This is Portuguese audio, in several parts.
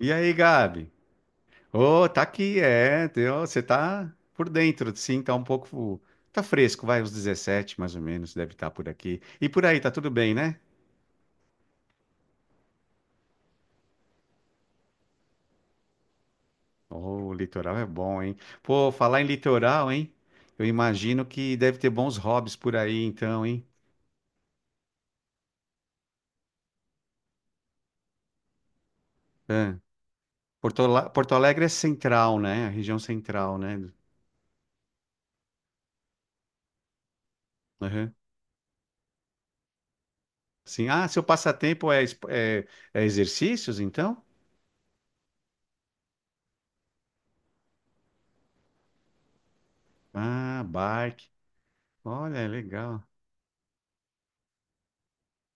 E aí, Gabi? Ô, tá aqui, é. Você tá por dentro, sim, tá um pouco. Tá fresco, vai, uns 17, mais ou menos, deve estar por aqui. E por aí, tá tudo bem, né? Ô, o litoral é bom, hein? Pô, falar em litoral, hein? Eu imagino que deve ter bons hobbies por aí, então, hein? Hã? Porto Alegre é central, né? A região central, né? Aham. Sim. Ah, seu passatempo é, é, é exercícios, então? Ah, bike. Olha, legal.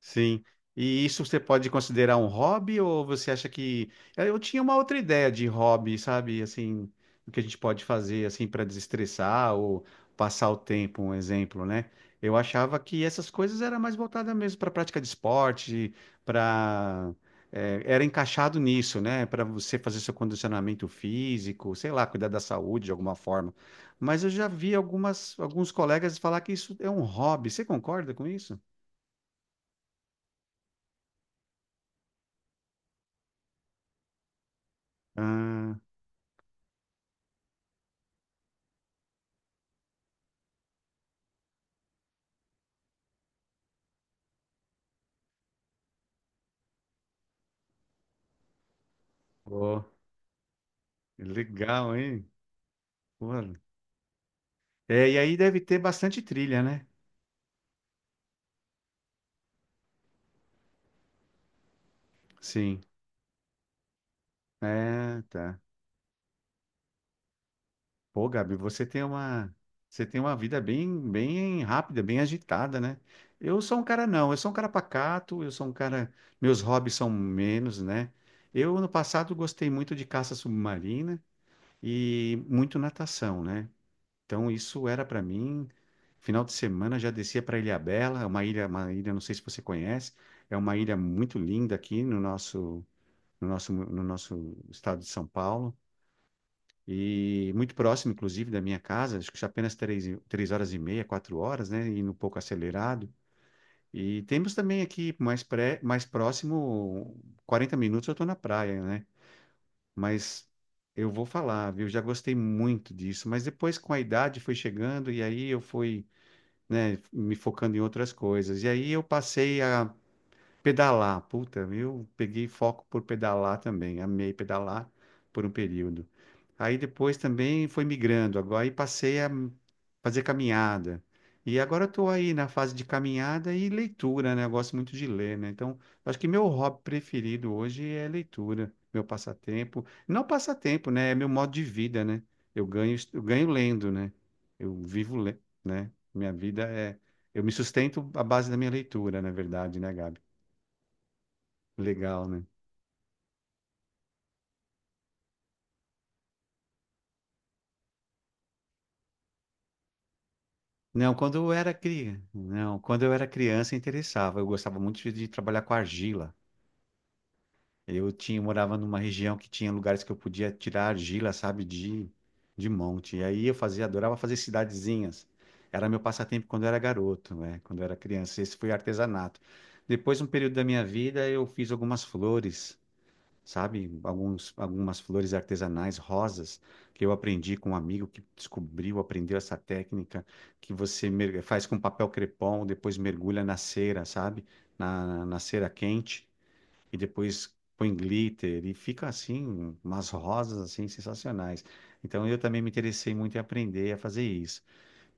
Sim. E isso você pode considerar um hobby ou você acha que eu tinha uma outra ideia de hobby, sabe? Assim, o que a gente pode fazer assim para desestressar ou passar o tempo, um exemplo, né? Eu achava que essas coisas era mais voltada mesmo para prática de esporte, para era encaixado nisso, né? Para você fazer seu condicionamento físico, sei lá, cuidar da saúde de alguma forma. Mas eu já vi algumas alguns colegas falar que isso é um hobby. Você concorda com isso? Pô, legal, hein? Pô. É, e aí deve ter bastante trilha, né? Sim. É, tá. Pô, Gabi, você tem uma vida bem, bem rápida, bem agitada, né? Eu sou um cara não, eu sou um cara pacato, eu sou um cara, meus hobbies são menos, né? Eu no passado gostei muito de caça submarina e muito natação, né? Então isso era para mim. Final de semana já descia para Ilhabela, é uma ilha, não sei se você conhece, é uma ilha muito linda aqui no nosso, no nosso estado de São Paulo e muito próximo, inclusive, da minha casa. Acho que apenas 3 horas e meia, 4 horas, né? Indo um pouco acelerado. E temos também aqui mais próximo, 40 minutos eu estou na praia, né? Mas eu vou falar, viu? Já gostei muito disso, mas depois com a idade foi chegando e aí eu fui né, me focando em outras coisas. E aí eu passei a pedalar. Puta, eu peguei foco por pedalar também, amei pedalar por um período. Aí depois também foi migrando, agora aí passei a fazer caminhada. E agora eu tô aí na fase de caminhada e leitura, né? Eu gosto muito de ler, né? Então, acho que meu hobby preferido hoje é leitura, meu passatempo. Não passatempo, né? É meu modo de vida, né? Eu ganho lendo, né? Eu vivo, né? Minha vida é. Eu me sustento à base da minha leitura, na verdade, né, Gabi? Legal, né? Não, quando eu era cri... não, quando eu era criança interessava. Eu gostava muito de trabalhar com argila. Eu tinha morava numa região que tinha lugares que eu podia tirar argila, sabe, de monte. E aí eu fazia, adorava fazer cidadezinhas. Era meu passatempo quando eu era garoto, né? Quando eu era criança. Esse foi artesanato. Depois, um período da minha vida, eu fiz algumas flores. Sabe? Algumas flores artesanais, rosas, que eu aprendi com um amigo que descobriu, aprendeu essa técnica, que você faz com papel crepom, depois mergulha na cera, sabe? Na cera quente, e depois põe glitter, e fica assim, umas rosas assim sensacionais. Então eu também me interessei muito em aprender a fazer isso.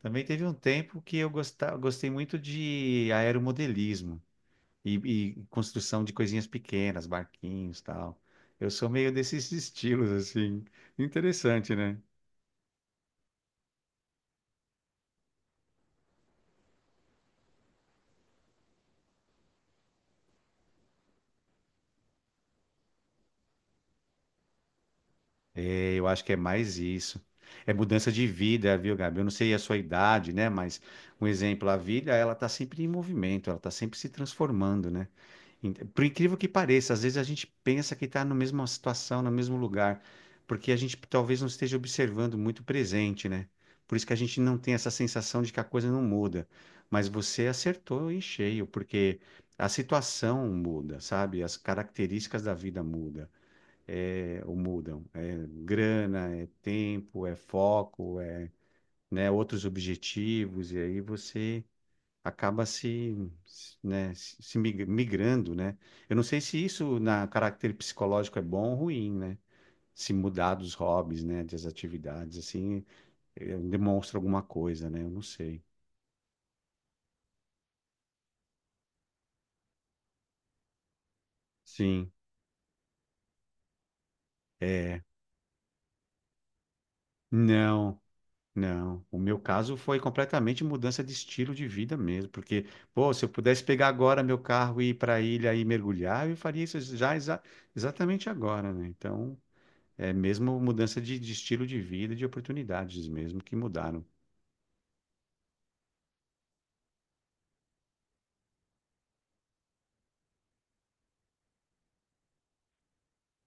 Também teve um tempo que eu gostei muito de aeromodelismo. E, e construção de coisinhas pequenas, barquinhos, tal. Eu sou meio desses estilos, assim. Interessante, né? Eu acho que é mais isso. É mudança de vida, viu, Gabi? Eu não sei a sua idade, né? Mas um exemplo, a vida, ela tá sempre se transformando, né? Por incrível que pareça, às vezes a gente pensa que está na mesma situação, no mesmo lugar, porque a gente talvez não esteja observando muito o presente, né? Por isso que a gente não tem essa sensação de que a coisa não muda. Mas você acertou em cheio, porque a situação muda, sabe? As características da vida mudam. É grana, é tempo, é foco, é, né, outros objetivos, e aí você acaba se, se, né, se se mig- migrando, né? Eu não sei se isso na caráter psicológico é bom ou ruim, né? Se mudar dos hobbies, né, das atividades, assim, demonstra alguma coisa, né? Eu não sei. Sim, é. Não. Não, o meu caso foi completamente mudança de estilo de vida mesmo, porque, pô, se eu pudesse pegar agora meu carro e ir para a ilha e mergulhar, eu faria isso já exatamente agora, né? Então, é mesmo mudança de estilo de vida, de oportunidades mesmo que mudaram.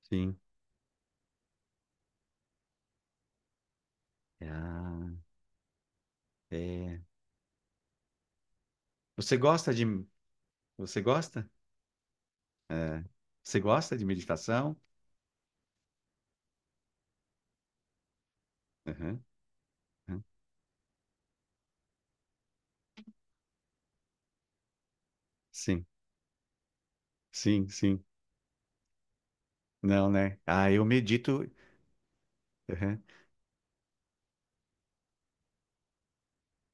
Sim. Ah, é. Você gosta de, você gosta? É. Você gosta de meditação? Aham, aham. Sim, sim, sim. Não, né? Ah, eu medito. Aham.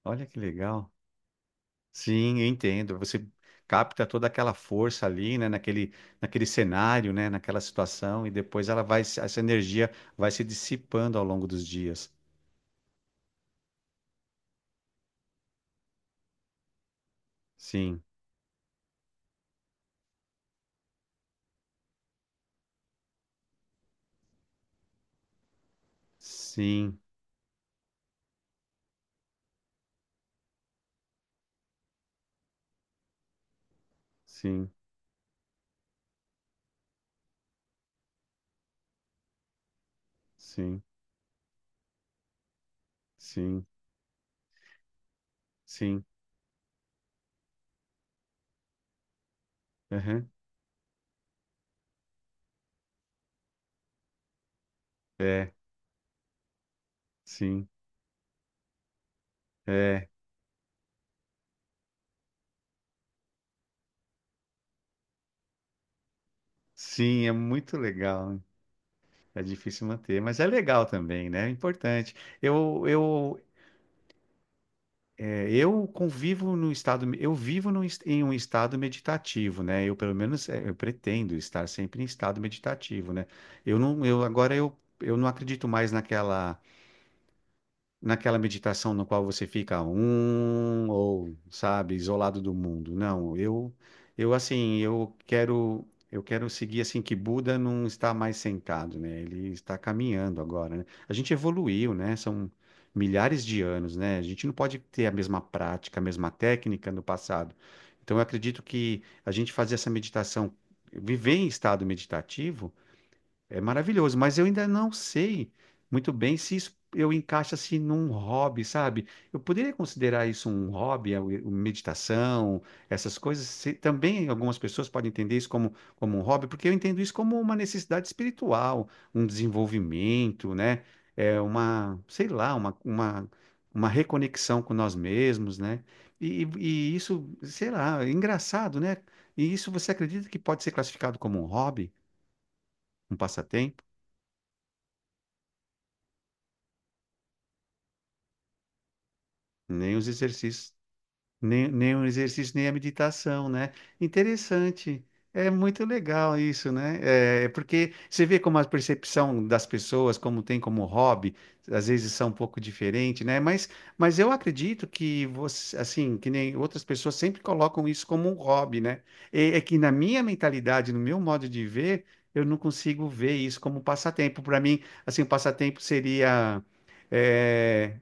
Olha que legal. Sim, eu entendo. Você capta toda aquela força ali, né, naquele, naquele cenário, né, naquela situação, e depois ela vai, essa energia vai se dissipando ao longo dos dias. Sim, sim, sim, sim, sim, sim. Aham. É, sim, é, sim, é muito legal. É difícil manter, mas é legal também, né? É importante. Eu É, eu convivo no estado, eu vivo em um estado meditativo, né? Eu pelo menos é, eu pretendo estar sempre em estado meditativo, né? Eu não, eu agora eu não acredito mais naquela naquela meditação no qual você fica um ou, sabe, isolado do mundo. Não, eu assim, eu quero seguir assim que Buda não está mais sentado, né? Ele está caminhando agora, né? A gente evoluiu, né? São milhares de anos, né? A gente não pode ter a mesma prática, a mesma técnica no passado. Então eu acredito que a gente fazer essa meditação, viver em estado meditativo é maravilhoso, mas eu ainda não sei muito bem se isso eu encaixo assim num hobby, sabe? Eu poderia considerar isso um hobby, meditação, essas coisas. Também algumas pessoas podem entender isso como, como um hobby, porque eu entendo isso como uma necessidade espiritual, um desenvolvimento, né? É uma, sei lá, uma reconexão com nós mesmos, né? E isso, sei lá, é engraçado, né? E isso você acredita que pode ser classificado como um hobby, um passatempo? Nem os exercícios, nem, nem o exercício, nem a meditação, né? Interessante. É muito legal isso, né? É porque você vê como a percepção das pessoas, como tem como hobby, às vezes são um pouco diferente, né? Mas eu acredito que você, assim, que nem outras pessoas sempre colocam isso como um hobby, né? É que na minha mentalidade, no meu modo de ver, eu não consigo ver isso como passatempo. Para mim, assim, o passatempo seria eh,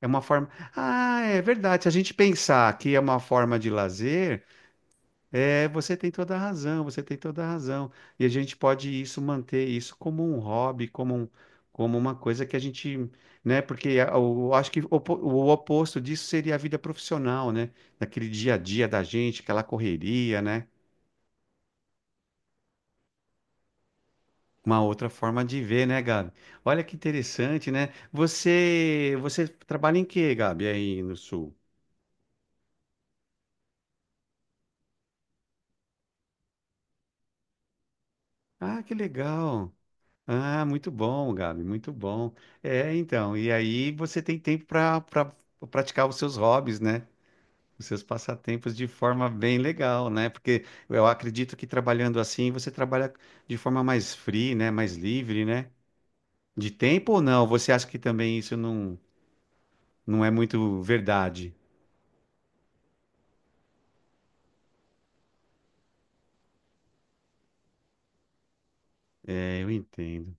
é uma forma. Ah, é verdade. Se a gente pensar que é uma forma de lazer, é, você tem toda a razão, você tem toda a razão. E a gente pode manter isso como um hobby, como um, como uma coisa que a gente, né? Porque eu acho que o, o oposto disso seria a vida profissional, né? Daquele dia a dia da gente, aquela correria, né? Uma outra forma de ver, né, Gabi? Olha que interessante, né? Você, você trabalha em quê, Gabi, aí no Sul? Ah, que legal. Ah, muito bom, Gabi, muito bom. É, então, e aí você tem tempo para pra, pra praticar os seus hobbies, né? Os seus passatempos de forma bem legal, né? Porque eu acredito que trabalhando assim você trabalha de forma mais free, né? Mais livre, né? De tempo ou não? Você acha que também não é muito verdade? É, eu entendo.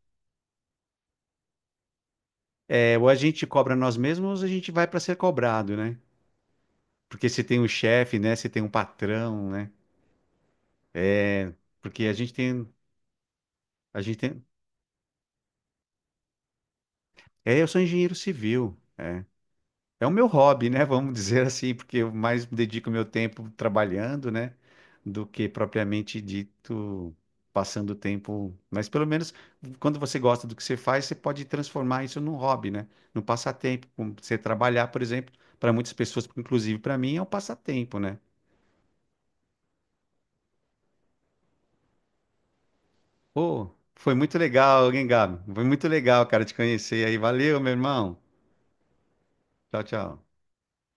É, ou a gente cobra nós mesmos, ou a gente vai para ser cobrado, né? Porque se tem um chefe, né? Se tem um patrão, né? Porque a gente tem, a gente tem. É, eu sou engenheiro civil. É, é o meu hobby, né? Vamos dizer assim, porque eu mais dedico meu tempo trabalhando, né? Do que propriamente dito passando tempo. Mas pelo menos quando você gosta do que você faz, você pode transformar isso num hobby, né? Num passatempo. Como você trabalhar, por exemplo, para muitas pessoas, inclusive para mim, é um passatempo, né? Pô, foi muito legal, hein, Gabi? Foi muito legal, cara, te conhecer aí. Valeu, meu irmão. Tchau, tchau.